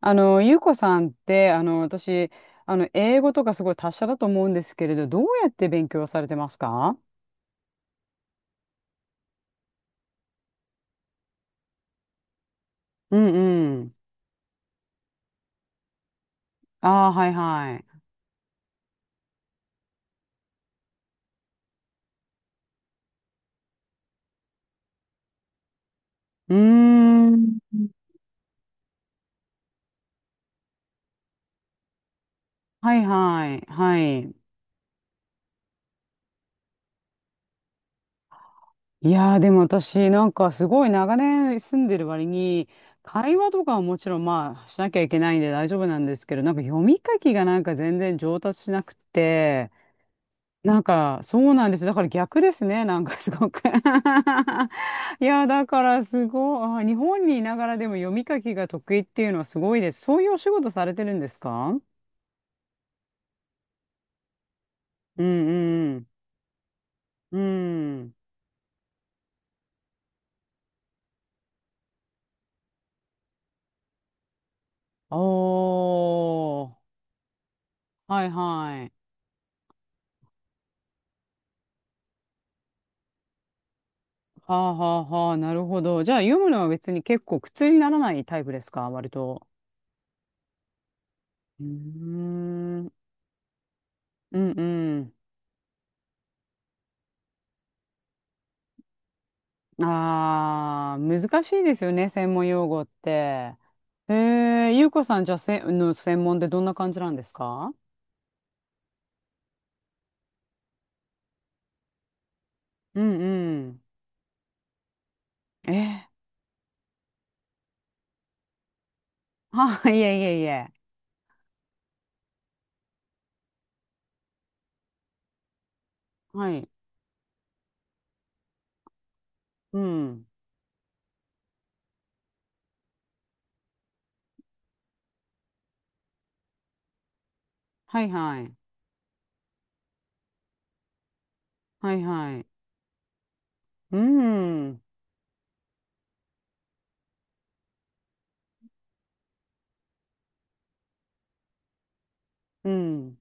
ゆうこさんって、私、英語とかすごい達者だと思うんですけれど、どうやって勉強されてますか？うんうん。ああ、はいはい。うーん。はいはい。はい。いやー、でも私、なんかすごい長年住んでる割に、会話とかはもちろんまあしなきゃいけないんで大丈夫なんですけど、なんか読み書きがなんか全然上達しなくて、なんか、そうなんです。だから逆ですね。なんか すごく いや、だからすごい。あ、日本にいながらでも読み書きが得意っていうのはすごいです。そういうお仕事されてるんですか？うんうん。うん。おー。はいはい。はあはあはあ。なるほど。じゃあ読むのは別に結構苦痛にならないタイプですか、割と？うーん。うんうん。ああ、難しいですよね、専門用語って。えゆうこさん、じゃあ、の専門でどんな感じなんですか？うんうん。えー、は、いえいえいえ。はい。うん。はいはい。はいはい。うん。うん。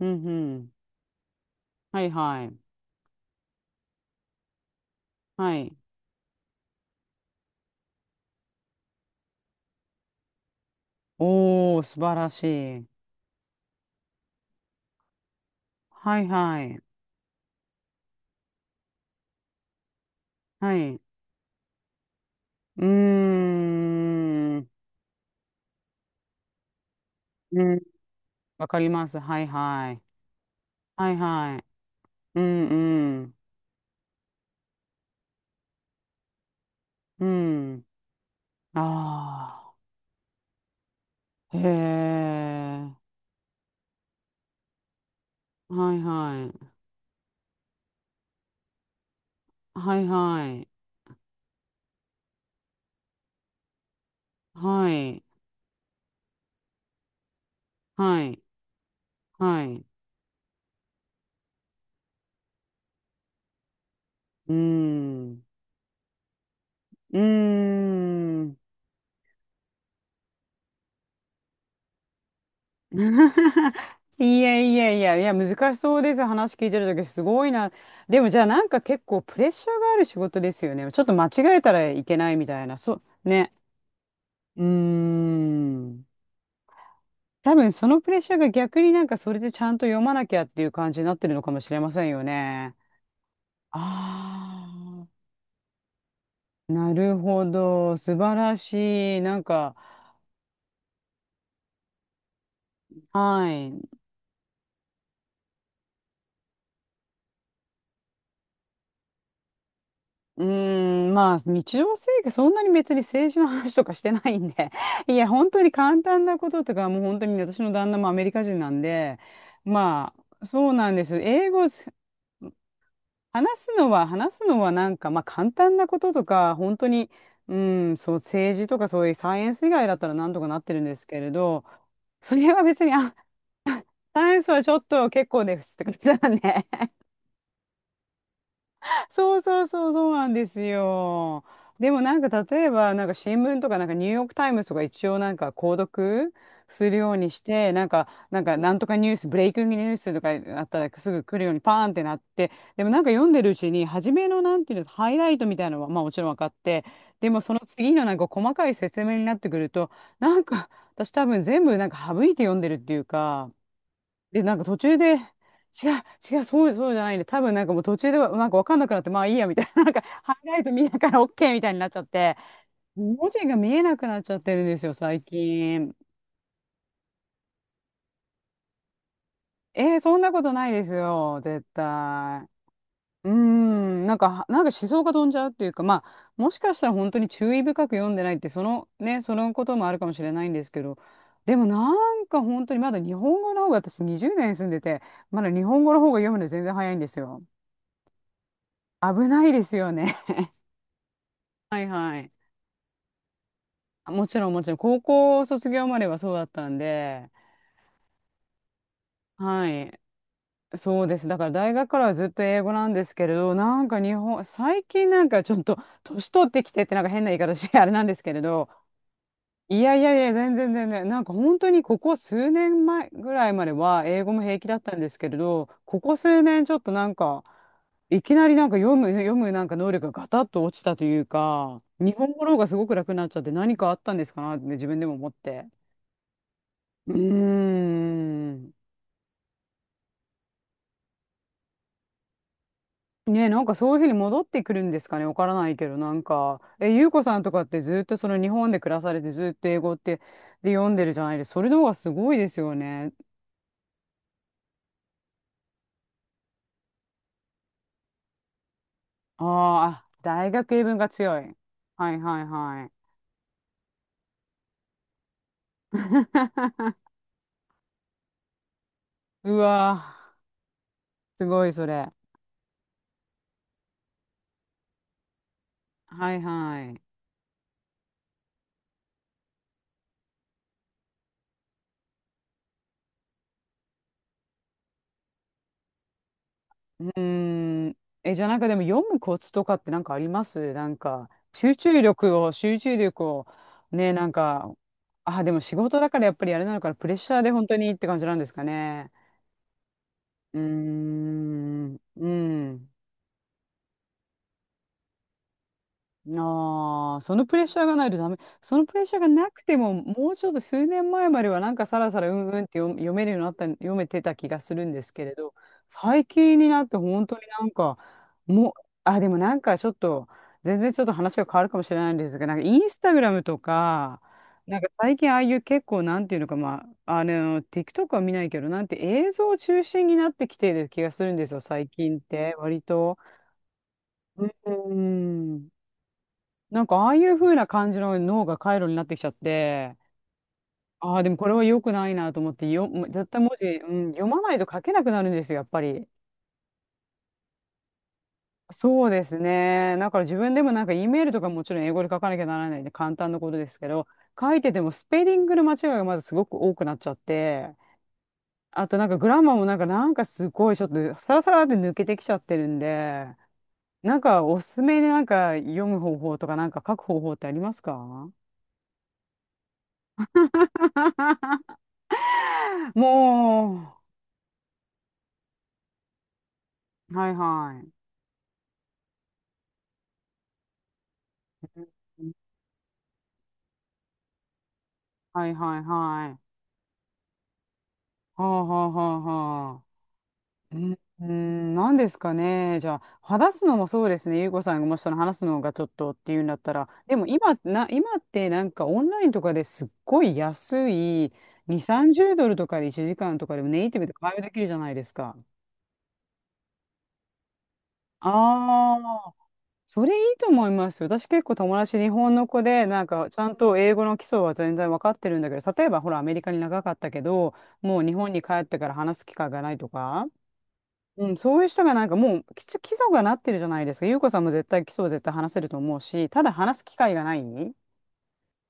うんうん。はいはい。はい。おー、素晴らしい。はいはい。はい。うーん。うん。わかります。はいはい。はいはい。うんうん。うん。ああ。へえ。はいはい。はいはい。はい。はい。はい。うーん。うーん。いやいやいや、いや、難しそうです。話聞いてるとき、すごいな。でもじゃあなんか結構プレッシャーがある仕事ですよね。ちょっと間違えたらいけないみたいな。そう、ね。うーん。多分そのプレッシャーが逆になんかそれでちゃんと読まなきゃっていう感じになってるのかもしれませんよね。ああ、なるほど。素晴らしい。なんか、はい。うーん、まあ、日常生活、そんなに別に政治の話とかしてないんで、いや、本当に簡単なこととか、もう本当にね私の旦那もアメリカ人なんで、まあ、そうなんです。英語、話すのはなんか、まあ、簡単なこととか、本当に、うん、そう、政治とかそういうサイエンス以外だったらなんとかなってるんですけれど、それは別に、あ、酸素はちょっと結構ですって感じだね。そうそうそうそうなんですよ。でもなんか例えばなんか新聞とかなんかニューヨークタイムズとか一応なんか購読するようにしてなんかなんとかニュースブレイキングニュースとかあったらすぐ来るようにパーンってなって、でもなんか読んでるうちに初めのなんていうのハイライトみたいなのはまあもちろん分かって、でもその次のなんか細かい説明になってくると、なんか私多分全部なんか省いて読んでるっていうか。で、なんか途中で、違う、違う、そうじゃないんで、多分なんかもう途中ではなんかわかんなくなって、まあいいや、みたいな、なんかハイライト見ながら OK みたいになっちゃって、文字が見えなくなっちゃってるんですよ、最近。えー、そんなことないですよ、絶対。うーん、なんか思想が飛んじゃうっていうか、まあ、もしかしたら本当に注意深く読んでないって、そのね、そのこともあるかもしれないんですけど、でもなんか本当にまだ日本語の方が私20年住んでて、まだ日本語の方が読むの全然早いんですよ。危ないですよね。はいはい。もちろんもちろん、高校卒業まではそうだったんで、はい。そうです。だから大学からはずっと英語なんですけれど、なんか日本、最近なんかちょっと年取ってきてってなんか変な言い方して あれなんですけれど、いやいやいや、全然全然。なんか本当にここ数年前ぐらいまでは英語も平気だったんですけれど、ここ数年ちょっとなんか、いきなりなんか読むなんか能力がガタッと落ちたというか、日本語の方がすごく楽になっちゃって何かあったんですかなってね自分でも思って。うーん。ねえ、なんかそういうふうに戻ってくるんですかね、わからないけど、なんか、ゆうこさんとかってずっとその日本で暮らされてずっと英語ってで読んでるじゃないですか。それの方がすごいですよね。あーあ、あ、大学英文が強い。はいはいはい。うわー、すごいそれ。はいはい。うーん。え、じゃあなんかでも読むコツとかってなんかありますなんか、集中力を、ね、なんか、あ、でも仕事だからやっぱりあれなのかな、プレッシャーで本当にって感じなんですかね。うーん、うん。ああ、そのプレッシャーがないとダメ。そのプレッシャーがなくても、もうちょっと数年前まではなんかさらさらうんうんって読めるようになった、読めてた気がするんですけれど、最近になって本当になんか、もう、あ、でもなんかちょっと、全然ちょっと話が変わるかもしれないんですが、なんかインスタグラムとか、なんか最近ああいう結構なんていうのか、まあ、TikTok は見ないけど、なんて映像中心になってきてる気がするんですよ、最近って、割と。うん。なんかああいう風な感じの脳が回路になってきちゃって、ああ、でもこれは良くないなと思って、絶対文字、うん、読まないと書けなくなるんですよ、やっぱり。そうですね。だから自分でもなんか E メールとかもちろん英語で書かなきゃならないんで簡単なことですけど、書いててもスペリングの間違いがまずすごく多くなっちゃって、あとなんかグラマーもなんかすごいちょっとサラサラって抜けてきちゃってるんで、なんかおすすめでなんか読む方法とかなんか書く方法ってありますか？ もう。はいはい。うん、はいはいはい。はあはあはあはあ。うんうん、何ですかね。じゃあ、話すのもそうですね。ゆうこさんがもしその話すのがちょっとっていうんだったら、でも今、今ってなんかオンラインとかですっごい安い2、30ドルとかで1時間とかでもネイティブで会話できるじゃないですか。あ、それいいと思います。私結構友達日本の子で、なんかちゃんと英語の基礎は全然わかってるんだけど、例えばほらアメリカに長かったけど、もう日本に帰ってから話す機会がないとか、うん、そういう人がなんかもう基礎がなってるじゃないですか。優子さんも絶対基礎を絶対話せると思うし、ただ話す機会がない。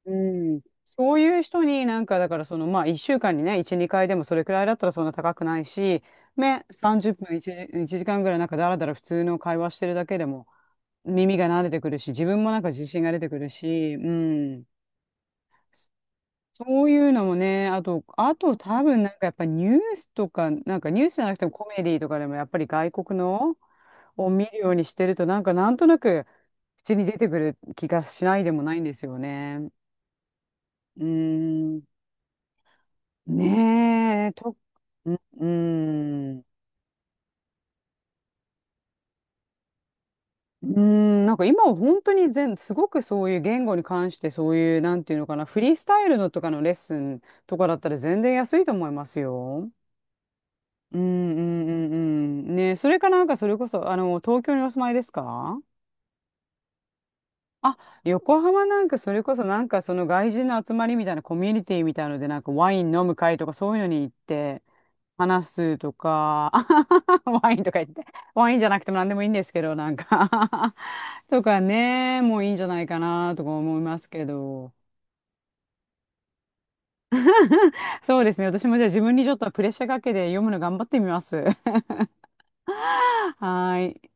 うん。そういう人になんかだからそのまあ1週間にね、1、2回でもそれくらいだったらそんな高くないし、ね、30分1、一時間ぐらいなんかだらだら普通の会話してるだけでも。耳が慣れてくるし、自分もなんか自信が出てくるし、うん。そういうのもね、あと多分なんかやっぱニュースとか、なんかニュースじゃなくてもコメディとかでもやっぱり外国のを見るようにしてると、なんかなんとなく口に出てくる気がしないでもないんですよね。うん。ねえ、うん。うん、うーん、なんか今は本当にすごくそういう言語に関してそういう、なんていうのかな、フリースタイルのとかのレッスンとかだったら全然安いと思いますよ。うんうんうんうん。ね、それかなんかそれこそ、東京にお住まいですか？あ、横浜なんかそれこそなんかその外人の集まりみたいなコミュニティみたいのでなんかワイン飲む会とかそういうのに行って話すとか、ワインとか言って、ワインじゃなくても何でもいいんですけど、なんか とかね、もういいんじゃないかなとか思いますけど。そうですね、私もじゃあ自分にちょっとプレッシャーかけて読むの頑張ってみます。はーい。